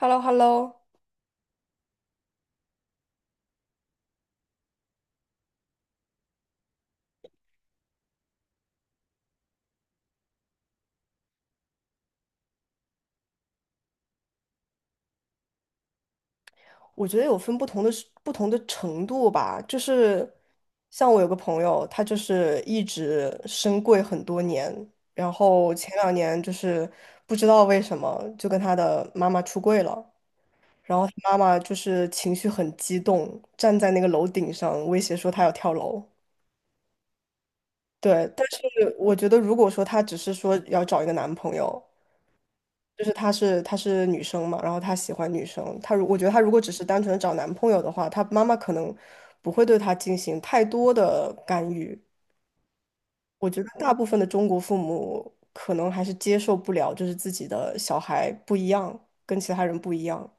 h e l l o h e l l o。 我觉得有分不同的程度吧，就是像我有个朋友，他就是一直升柜很多年，然后前两年就是不知道为什么就跟他的妈妈出柜了，然后他妈妈就是情绪很激动，站在那个楼顶上威胁说他要跳楼。对，但是我觉得如果说他只是说要找一个男朋友，就是她是女生嘛，然后她喜欢女生，我觉得她如果只是单纯的找男朋友的话，她妈妈可能不会对她进行太多的干预。我觉得大部分的中国父母可能还是接受不了，就是自己的小孩不一样，跟其他人不一样。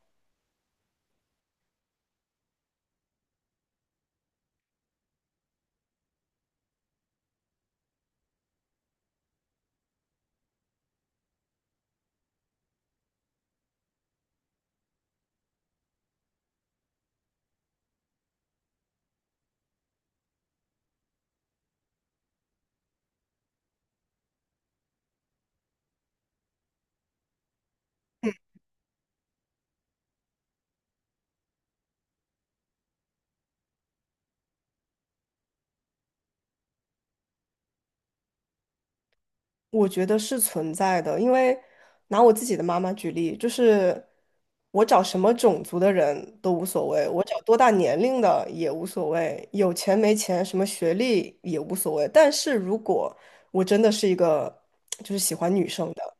我觉得是存在的，因为拿我自己的妈妈举例，就是我找什么种族的人都无所谓，我找多大年龄的也无所谓，有钱没钱，什么学历也无所谓。但是如果我真的是一个就是喜欢女生的，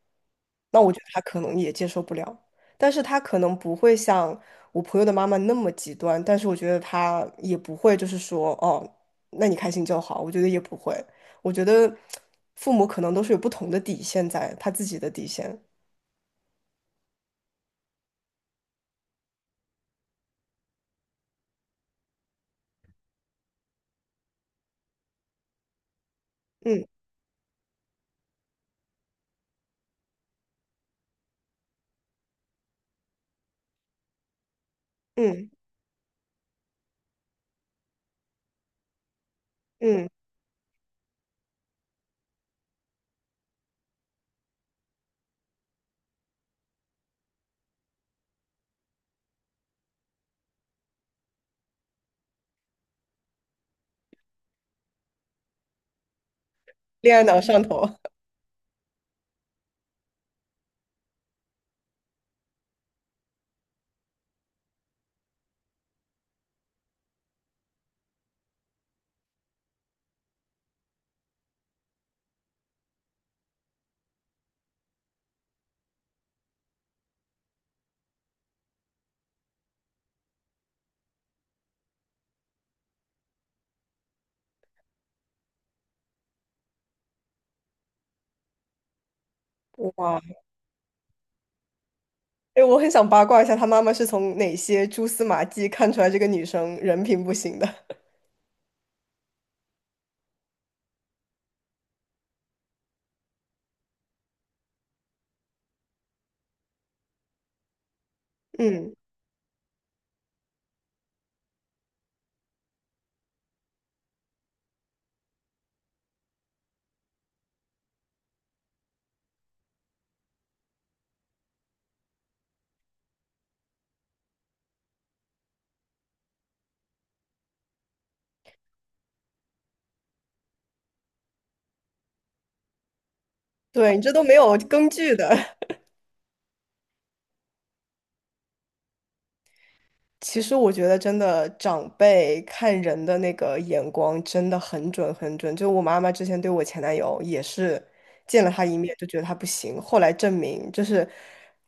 那我觉得他可能也接受不了，但是他可能不会像我朋友的妈妈那么极端，但是我觉得他也不会就是说哦，那你开心就好，我觉得也不会，我觉得父母可能都是有不同的底线在，他自己的底线。嗯嗯嗯，恋爱脑上头。哇！哎，我很想八卦一下，他妈妈是从哪些蛛丝马迹看出来这个女生人品不行的？嗯，对你这都没有根据的。其实我觉得真的长辈看人的那个眼光真的很准很准。就我妈妈之前对我前男友也是见了他一面就觉得他不行，后来证明就是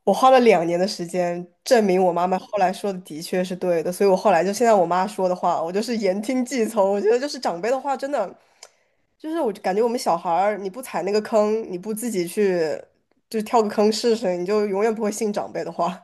我花了两年的时间证明我妈妈后来说的的确是对的，所以我后来就现在我妈说的话，我就是言听计从。我觉得就是长辈的话真的就是我感觉我们小孩儿你不踩那个坑，你不自己去就跳个坑试试，你就永远不会信长辈的话。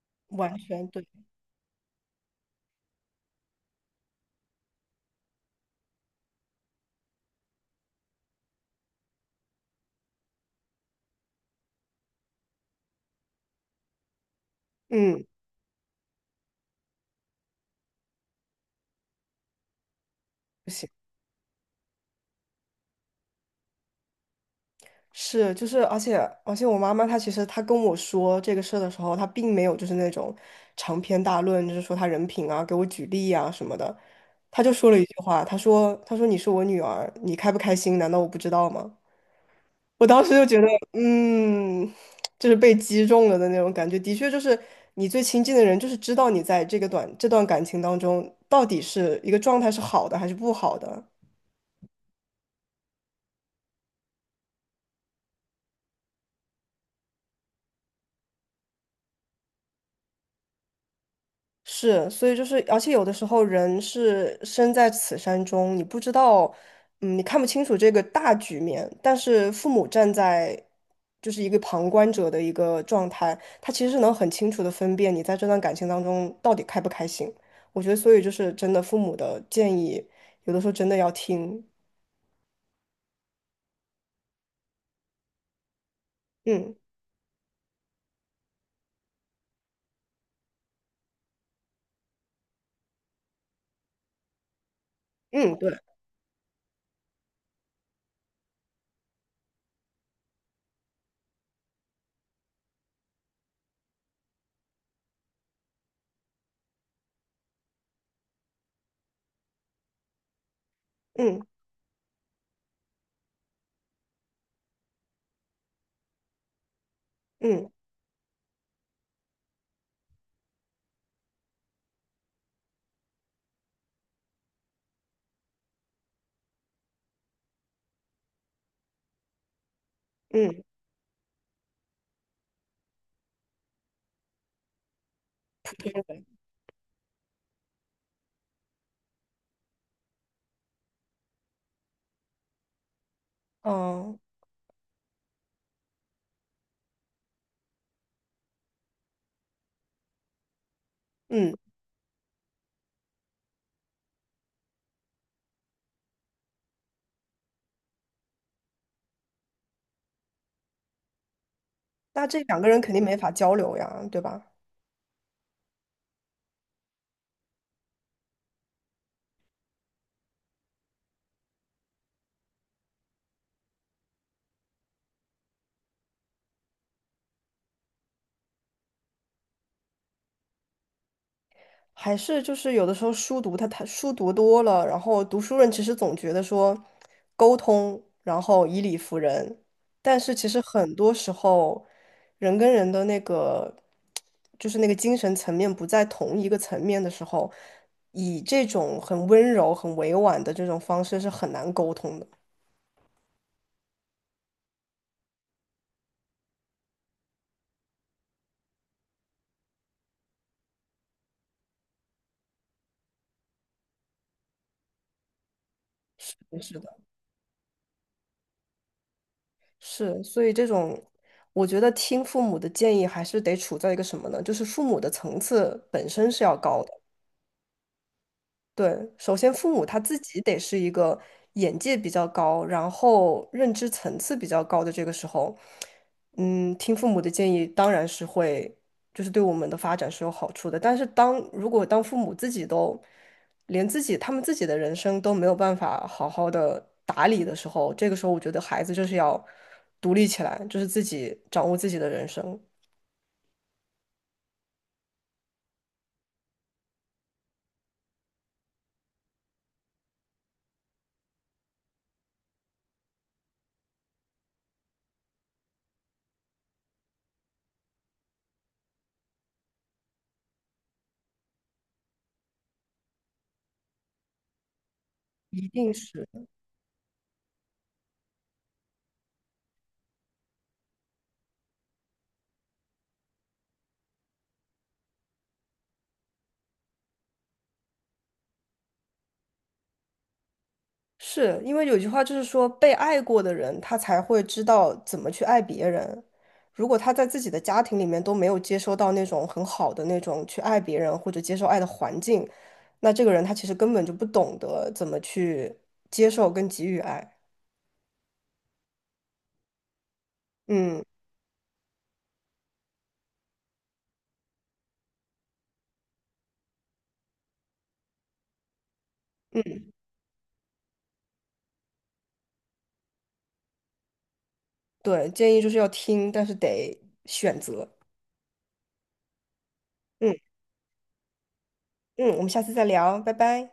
完全对，嗯。不行。是，就是，而且，我妈妈她其实她跟我说这个事儿的时候，她并没有就是那种长篇大论，就是说她人品啊，给我举例啊什么的，她就说了一句话，她说你是我女儿，你开不开心，难道我不知道吗？我当时就觉得，嗯，就是被击中了的那种感觉，的确就是你最亲近的人，就是知道你在这个短这段感情当中到底是一个状态是好的还是不好的。是，所以就是，而且有的时候人是身在此山中，你不知道，你看不清楚这个大局面，但是父母站在就是一个旁观者的一个状态，他其实是能很清楚的分辨你在这段感情当中到底开不开心。我觉得，所以就是真的父母的建议，有的时候真的要听。嗯嗯，对，嗯嗯嗯嗯嗯，那这两个人肯定没法交流呀，对吧？还是就是有的时候书读他他书读多了，然后读书人其实总觉得说沟通，然后以理服人，但是其实很多时候人跟人的那个就是那个精神层面不在同一个层面的时候，以这种很温柔、很委婉的这种方式是很难沟通的。是的，是的，是，所以这种，我觉得听父母的建议还是得处在一个什么呢？就是父母的层次本身是要高的。对，首先父母他自己得是一个眼界比较高，然后认知层次比较高的这个时候，听父母的建议当然是会，就是对我们的发展是有好处的。但是当如果当父母自己都连自己他们自己的人生都没有办法好好的打理的时候，这个时候我觉得孩子就是要独立起来，就是自己掌握自己的人生，一定是。是因为有句话就是说，被爱过的人，他才会知道怎么去爱别人。如果他在自己的家庭里面都没有接收到那种很好的那种去爱别人或者接受爱的环境，那这个人他其实根本就不懂得怎么去接受跟给予爱。嗯嗯，对，建议就是要听，但是得选择。嗯嗯，我们下次再聊，拜拜。